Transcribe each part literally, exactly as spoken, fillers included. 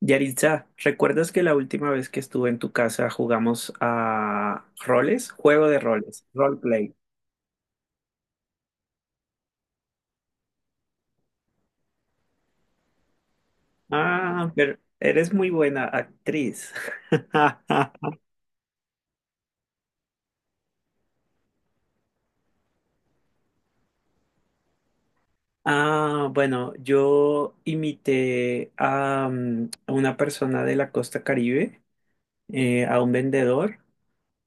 Yaritza, ¿recuerdas que la última vez que estuve en tu casa jugamos a roles? Juego de roles, roleplay. Ah, pero eres muy buena actriz. Ah, bueno, yo imité a, mm, a una persona de la costa Caribe, eh, a un vendedor,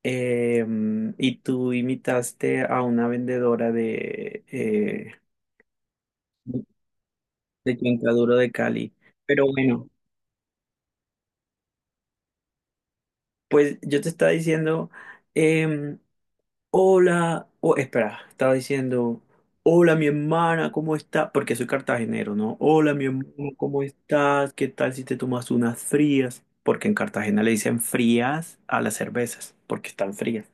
eh, mm, y tú imitaste a una vendedora de, eh, de Cuenca Duro de Cali. Pero bueno. Pues yo te estaba diciendo, em, hola, o espera, estaba diciendo, hola mi hermana, ¿cómo estás? Porque soy cartagenero, ¿no? Hola mi hermano, ¿cómo estás? ¿Qué tal si te tomas unas frías? Porque en Cartagena le dicen frías a las cervezas, porque están frías.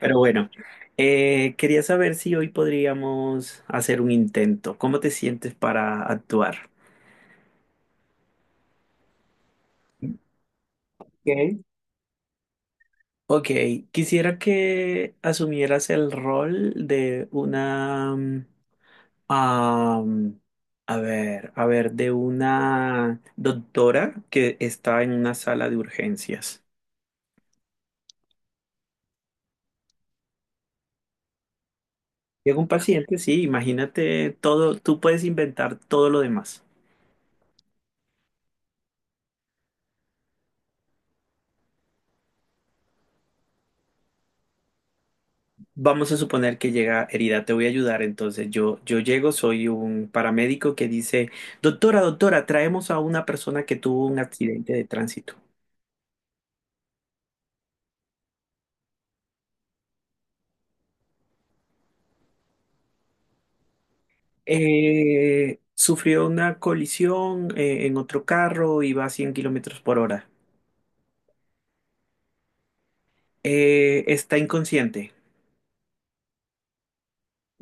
Pero bueno, eh, quería saber si hoy podríamos hacer un intento. ¿Cómo te sientes para actuar? Ok. Ok, quisiera que asumieras el rol de una mm, Am, a ver, a ver, de una doctora que está en una sala de urgencias. Llega un paciente, sí, imagínate todo, tú puedes inventar todo lo demás. Vamos a suponer que llega herida, te voy a ayudar. Entonces yo, yo llego, soy un paramédico que dice, doctora, doctora, traemos a una persona que tuvo un accidente de tránsito. Eh, sufrió una colisión eh, en otro carro, iba a cien kilómetros por hora. Eh, está inconsciente.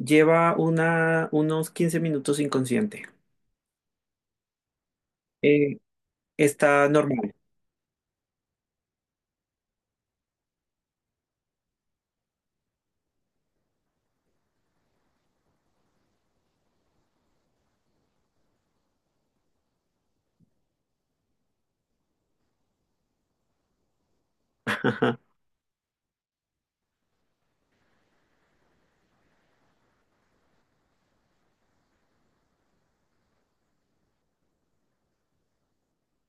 Lleva una, unos quince minutos inconsciente. Eh, está normal.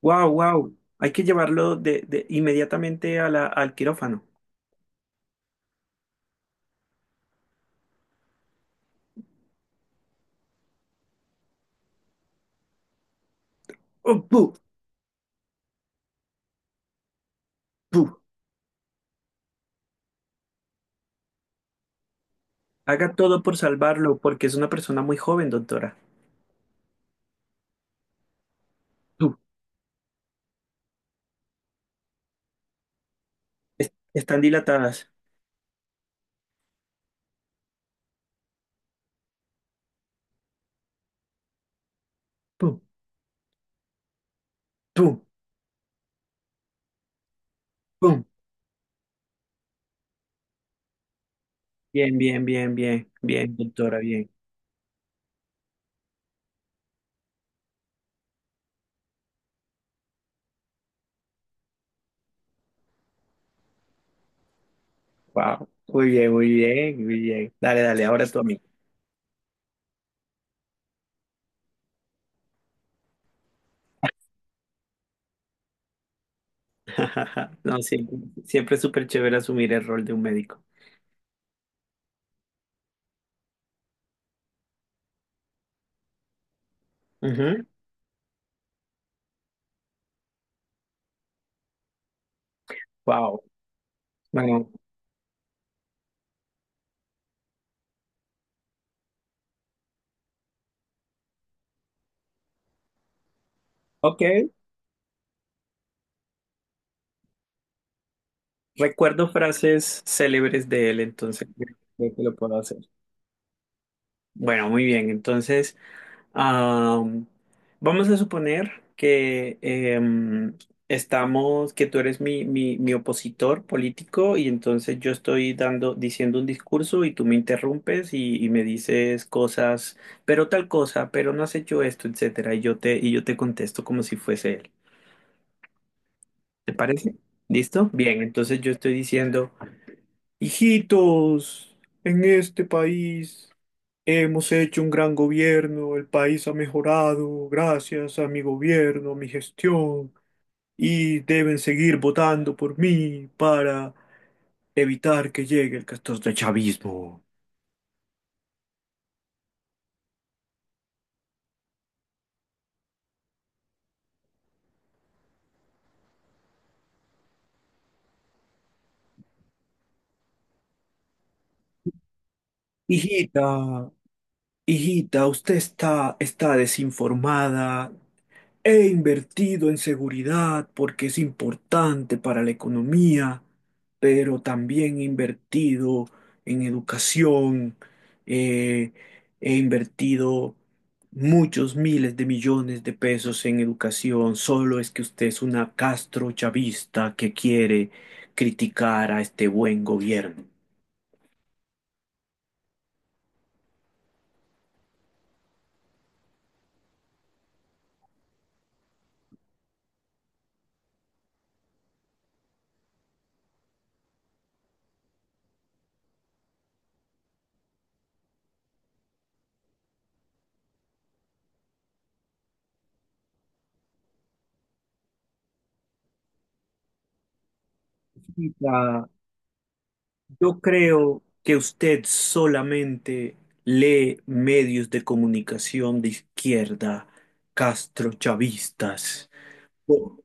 Wow, wow. Hay que llevarlo de, de- inmediatamente a la- al quirófano. Oh, pu, pu. Haga todo por salvarlo, porque es una persona muy joven, doctora. Pu. Es- están dilatadas. Pu, pu, pu. Bien, bien, bien, bien, bien, doctora, bien. Wow. Muy bien, muy bien, muy bien. Dale, dale, ahora tú a mí. No, siempre, siempre es súper chévere asumir el rol de un médico. Wow. Bueno, ok. Recuerdo frases célebres de él, entonces creo que lo puedo hacer. Bueno, muy bien. Entonces, am, vamos a suponer que em, estamos, que tú eres mi, mi, mi opositor político y entonces yo estoy dando, diciendo un discurso y tú me interrumpes y, y me dices cosas, pero tal cosa, pero no has hecho esto, etcétera. Y yo te, y yo te contesto como si fuese él. ¿Te parece? ¿Listo? Bien, entonces yo estoy diciendo. Hijitos, en este país hemos hecho un gran gobierno, el país ha mejorado gracias a mi gobierno, a mi gestión, y deben seguir votando por mí para evitar que llegue el chavismo. Hijita, hijita, usted está, está desinformada, he invertido en seguridad porque es importante para la economía, pero también he invertido en educación, eh, he invertido muchos miles de millones de pesos en educación, solo es que usted es una castrochavista que quiere criticar a este buen gobierno. Quita. Yo creo que usted solamente lee medios de comunicación de izquierda, castrochavistas. Po-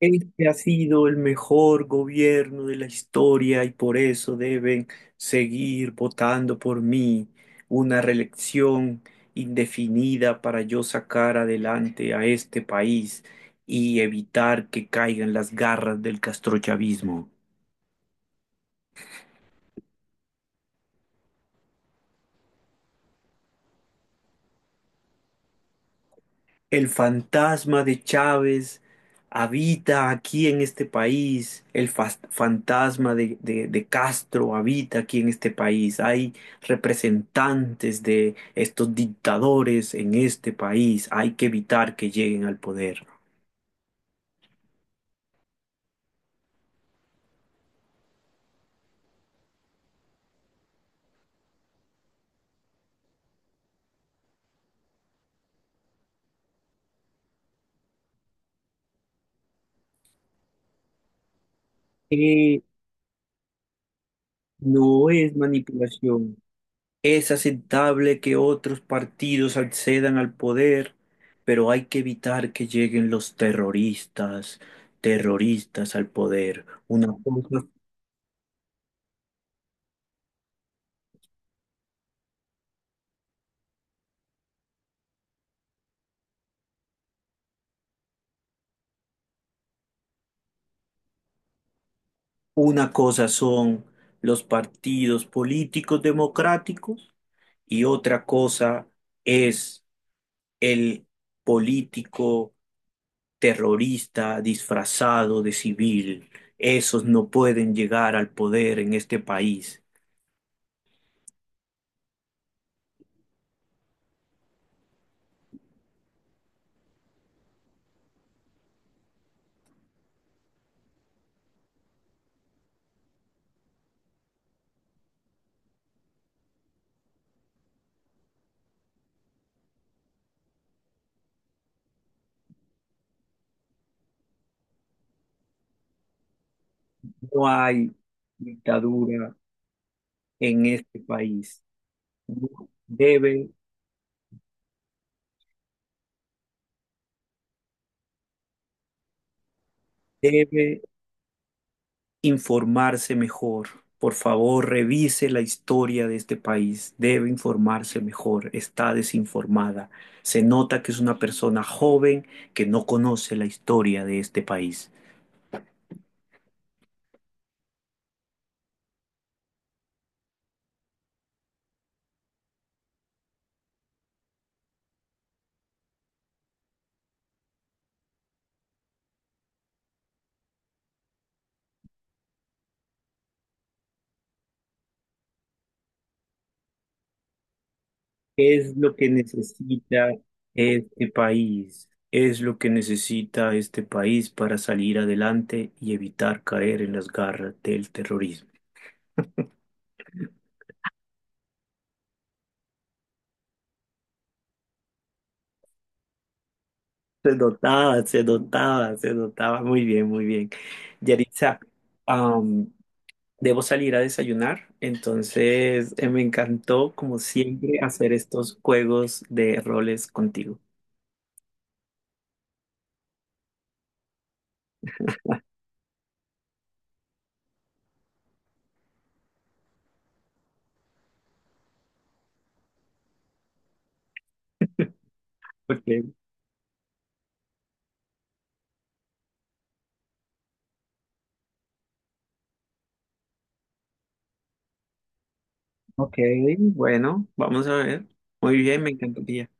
este ha sido el mejor gobierno de la historia y por eso deben seguir votando por mí. Una reelección indefinida para yo sacar adelante a este país y evitar que caigan las garras del castrochavismo. El fantasma de Chávez habita aquí en este país. El fas- fantasma de, de- de Castro habita aquí en este país. Hay representantes de estos dictadores en este país. Hay que evitar que lleguen al poder. Eh, no es manipulación. Es aceptable que otros partidos accedan al poder, pero hay que evitar que lleguen los terroristas, terroristas al poder. Una cosa, una cosa son los partidos políticos democráticos y otra cosa es el político terrorista disfrazado de civil. Esos no pueden llegar al poder en este país. No hay dictadura en este país. Debe, debe informarse mejor. Por favor, revise la historia de este país. Debe informarse mejor. Está desinformada. Se nota que es una persona joven que no conoce la historia de este país. ¿Qué es lo que necesita este país? Es lo que necesita este país para salir adelante y evitar caer en las garras del terrorismo. Se notaba, se notaba, se notaba. Muy bien, muy bien. Yaritza, am, debo salir a desayunar, entonces eh, me encantó, como siempre, hacer estos juegos de roles contigo. Ok, ok, bueno, vamos a ver. Muy bien, me encantaría.